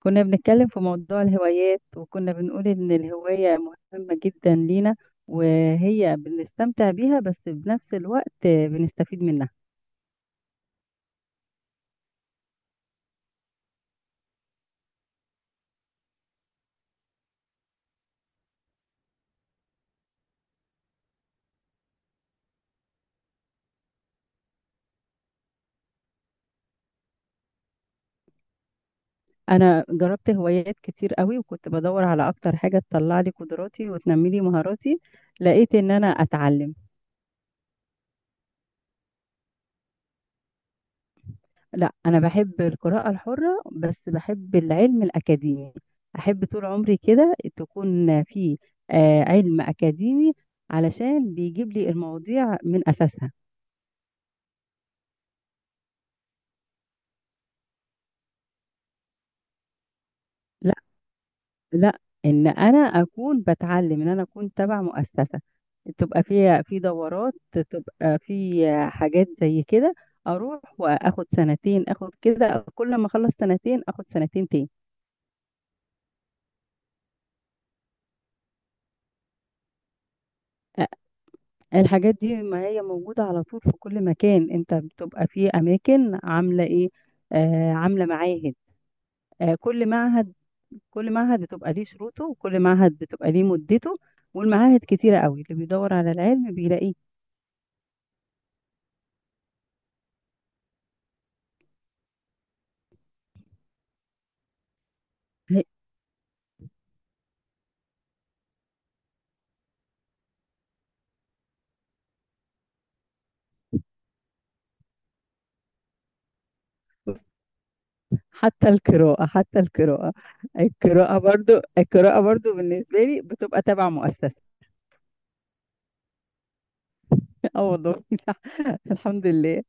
كنا بنتكلم في موضوع الهوايات وكنا بنقول إن الهواية مهمة جدا لينا، وهي بنستمتع بيها بس بنفس الوقت بنستفيد منها. أنا جربت هوايات كتير قوي وكنت بدور على أكتر حاجة تطلع لي قدراتي وتنمي لي مهاراتي، لقيت إن أنا أتعلم. لا، أنا بحب القراءة الحرة بس بحب العلم الأكاديمي، أحب طول عمري كده تكون في علم أكاديمي علشان بيجيب لي المواضيع من أساسها. لا، ان انا اكون بتعلم، ان انا اكون تبع مؤسسه تبقى فيها في دورات، تبقى في حاجات زي كده، اروح واخد سنتين، اخد كده كل ما اخلص سنتين اخد سنتين تاني. أ- الحاجات دي ما هي موجوده على طول في كل مكان، انت بتبقى في اماكن عامله ايه؟ آه، عامله معاهد. آه، كل معهد بتبقى ليه شروطه وكل معهد بتبقى ليه مدته، والمعاهد كتيره قوي، اللي بيدور على العلم بيلاقيه. حتى القراءة. القراءة برضو بالنسبة لي بتبقى تبع مؤسسة. اه، والله. الحمد لله.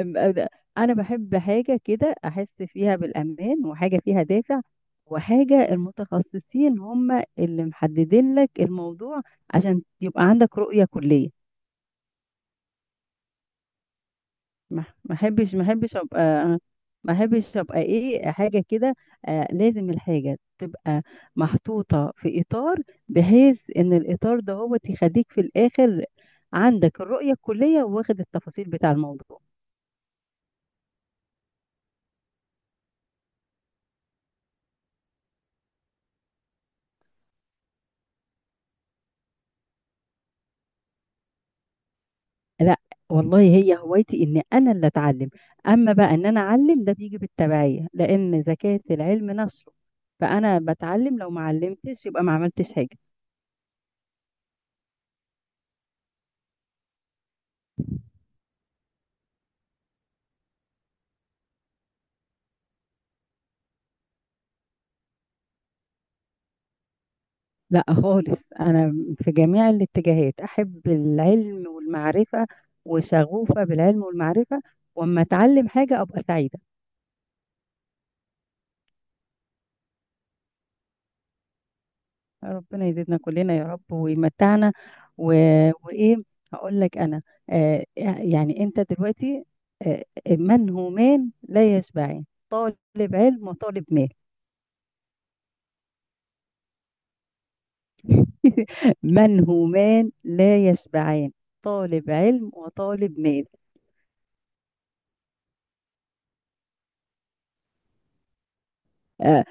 أم- أنا بحب حاجة كده أحس فيها بالأمان، وحاجة فيها دافع، وحاجة المتخصصين هم اللي محددين لك الموضوع عشان يبقى عندك رؤية كلية. ما ما احبش ما احبش ابقى ما احبش ابقى ايه حاجه كده، آه، لازم الحاجه تبقى محطوطه في اطار، بحيث ان الاطار ده هو يخليك في الاخر عندك الرؤيه الكليه واخد التفاصيل بتاع الموضوع. لا، والله هي هوايتي ان انا اللي اتعلم، اما بقى ان انا اعلم ده بيجي بالتبعيه لان زكاه العلم نشره، فانا بتعلم، لو ما علمتش يبقى ما عملتش حاجه. لا خالص، أنا في جميع الاتجاهات أحب العلم والمعرفة وشغوفة بالعلم والمعرفة، وأما أتعلم حاجة أبقى سعيدة. ربنا يزيدنا كلنا يا رب ويمتعنا و... وإيه، هقول لك أنا، آه آه، يعني أنت دلوقتي آه منهومان لا يشبعان، طالب علم وطالب مال. منهومان لا يشبعان، طالب علم وطالب مال. آه،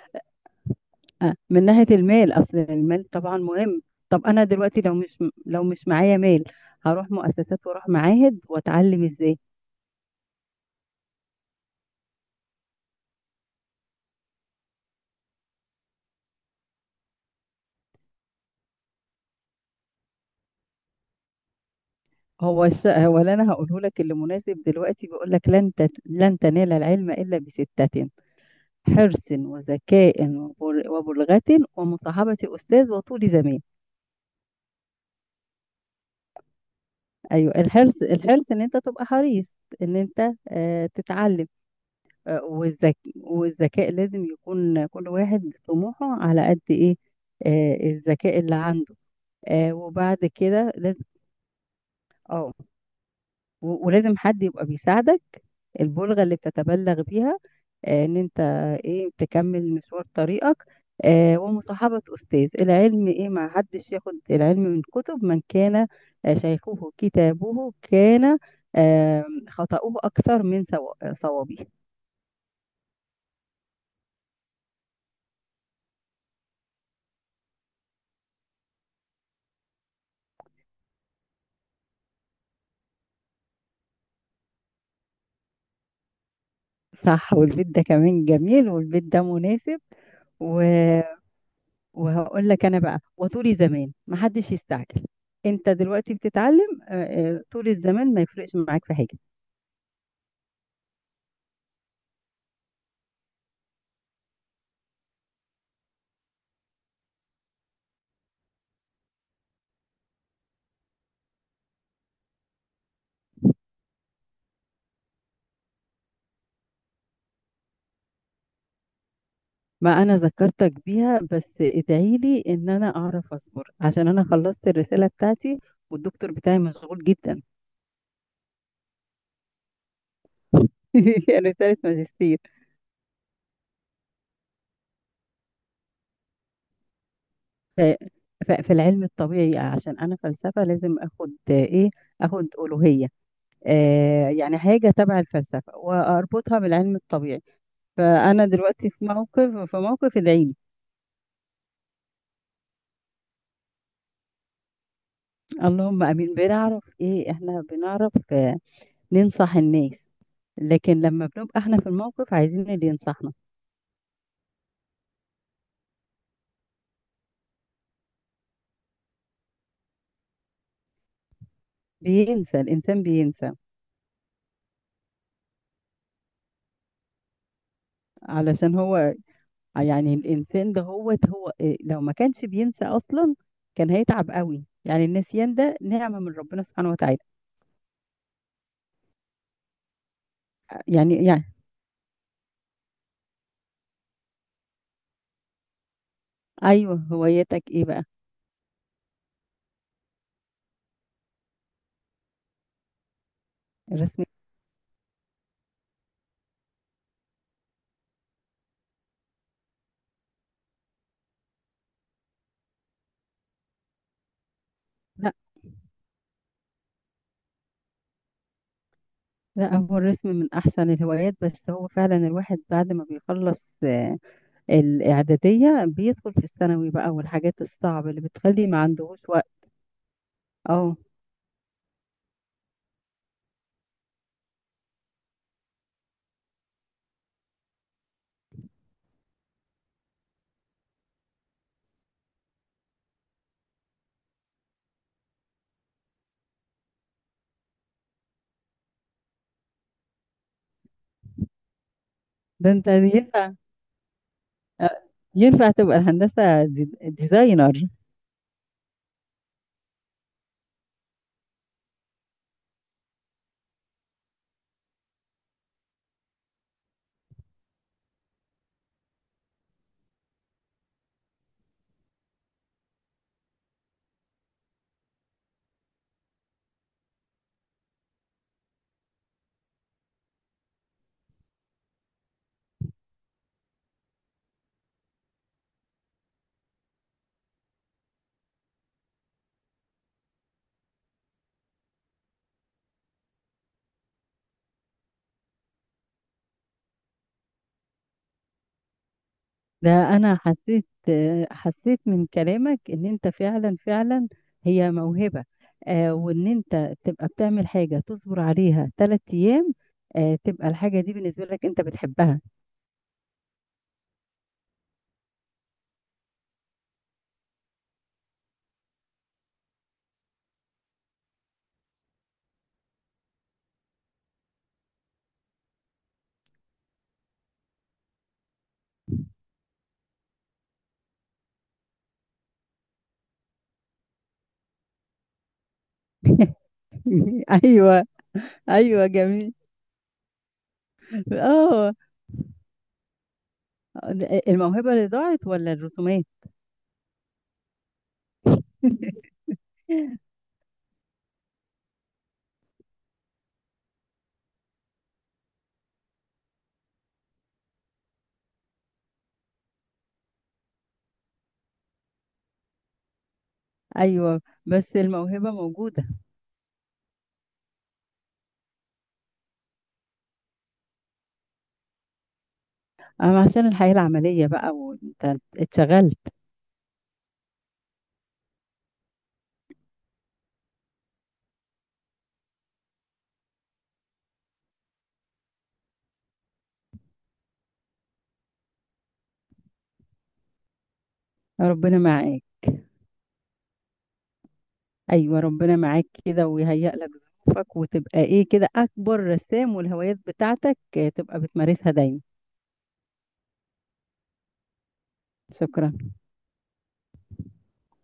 من ناحية المال، أصل المال طبعا مهم. طب أنا دلوقتي لو مش معايا مال، هروح مؤسسات وأروح معاهد وأتعلم إزاي. هو اللي أنا هقوله لك اللي مناسب دلوقتي بيقول لك: لن تنال العلم إلا بستة، حرص وذكاء وبلغة ومصاحبة أستاذ وطول زمان. أيوه، الحرص إن أنت تبقى حريص إن أنت تتعلم. والذكاء لازم يكون كل واحد طموحه على قد ايه، الذكاء اللي عنده. وبعد كده لازم، اه ولازم حد يبقى بيساعدك، البلغة اللي بتتبلغ بيها ان انت ايه تكمل مشوار طريقك. ومصاحبة أستاذ العلم ايه، ما حدش ياخد العلم من كتب، من كان شيخه كتابه كان خطأه أكثر من صوابه. صح، والبيت ده كمان جميل، والبيت ده مناسب. و... وهقول لك انا بقى، وطولي زمان محدش يستعجل، انت دلوقتي بتتعلم، طول الزمان ما يفرقش معاك في حاجه. ما انا ذكرتك بيها، بس ادعي لي ان انا اعرف اصبر عشان انا خلصت الرساله بتاعتي، والدكتور بتاعي مشغول جدا. رساله ماجستير. ف... في العلم الطبيعي، عشان انا فلسفه لازم اخد ايه، اخد الوهيه، يعني حاجة تبع الفلسفة وأربطها بالعلم الطبيعي، فأنا دلوقتي في موقف، ادعيلي. اللهم آمين. بنعرف إيه، إحنا بنعرف ننصح الناس لكن لما بنبقى إحنا في الموقف عايزين اللي ينصحنا. بينسى الإنسان، بينسى علشان هو، يعني الإنسان ده هو لو ما كانش بينسى أصلا كان هيتعب قوي، يعني النسيان ده نعمة من ربنا سبحانه وتعالى. يعني. أيوه، هوايتك إيه بقى؟ الرسم؟ لا، هو الرسم من أحسن الهوايات، بس هو فعلا الواحد بعد ما بيخلص الإعدادية بيدخل في الثانوي بقى والحاجات الصعبة اللي بتخلي ما عندهوش وقت. اه، ده انت ينفع، آه، ينفع تبقى الهندسة ديزاينر. ده أنا حسيت، حسيت من كلامك إن أنت فعلا فعلا هي موهبة، وإن أنت تبقى بتعمل حاجة تصبر عليها 3 أيام، تبقى الحاجة دي بالنسبة لك أنت بتحبها. أيوه. ايوه، جميل. اه. الموهبة اللي ضاعت ولا الرسومات؟ ايوه، بس الموهبة موجودة. اما عشان الحياة العملية بقى وانت اتشغلت. ربنا معاك. ايوه، ربنا معاك كده ويهيئ لك ظروفك، وتبقى ايه كده اكبر رسام، والهوايات بتاعتك تبقى بتمارسها دايما. شكرا.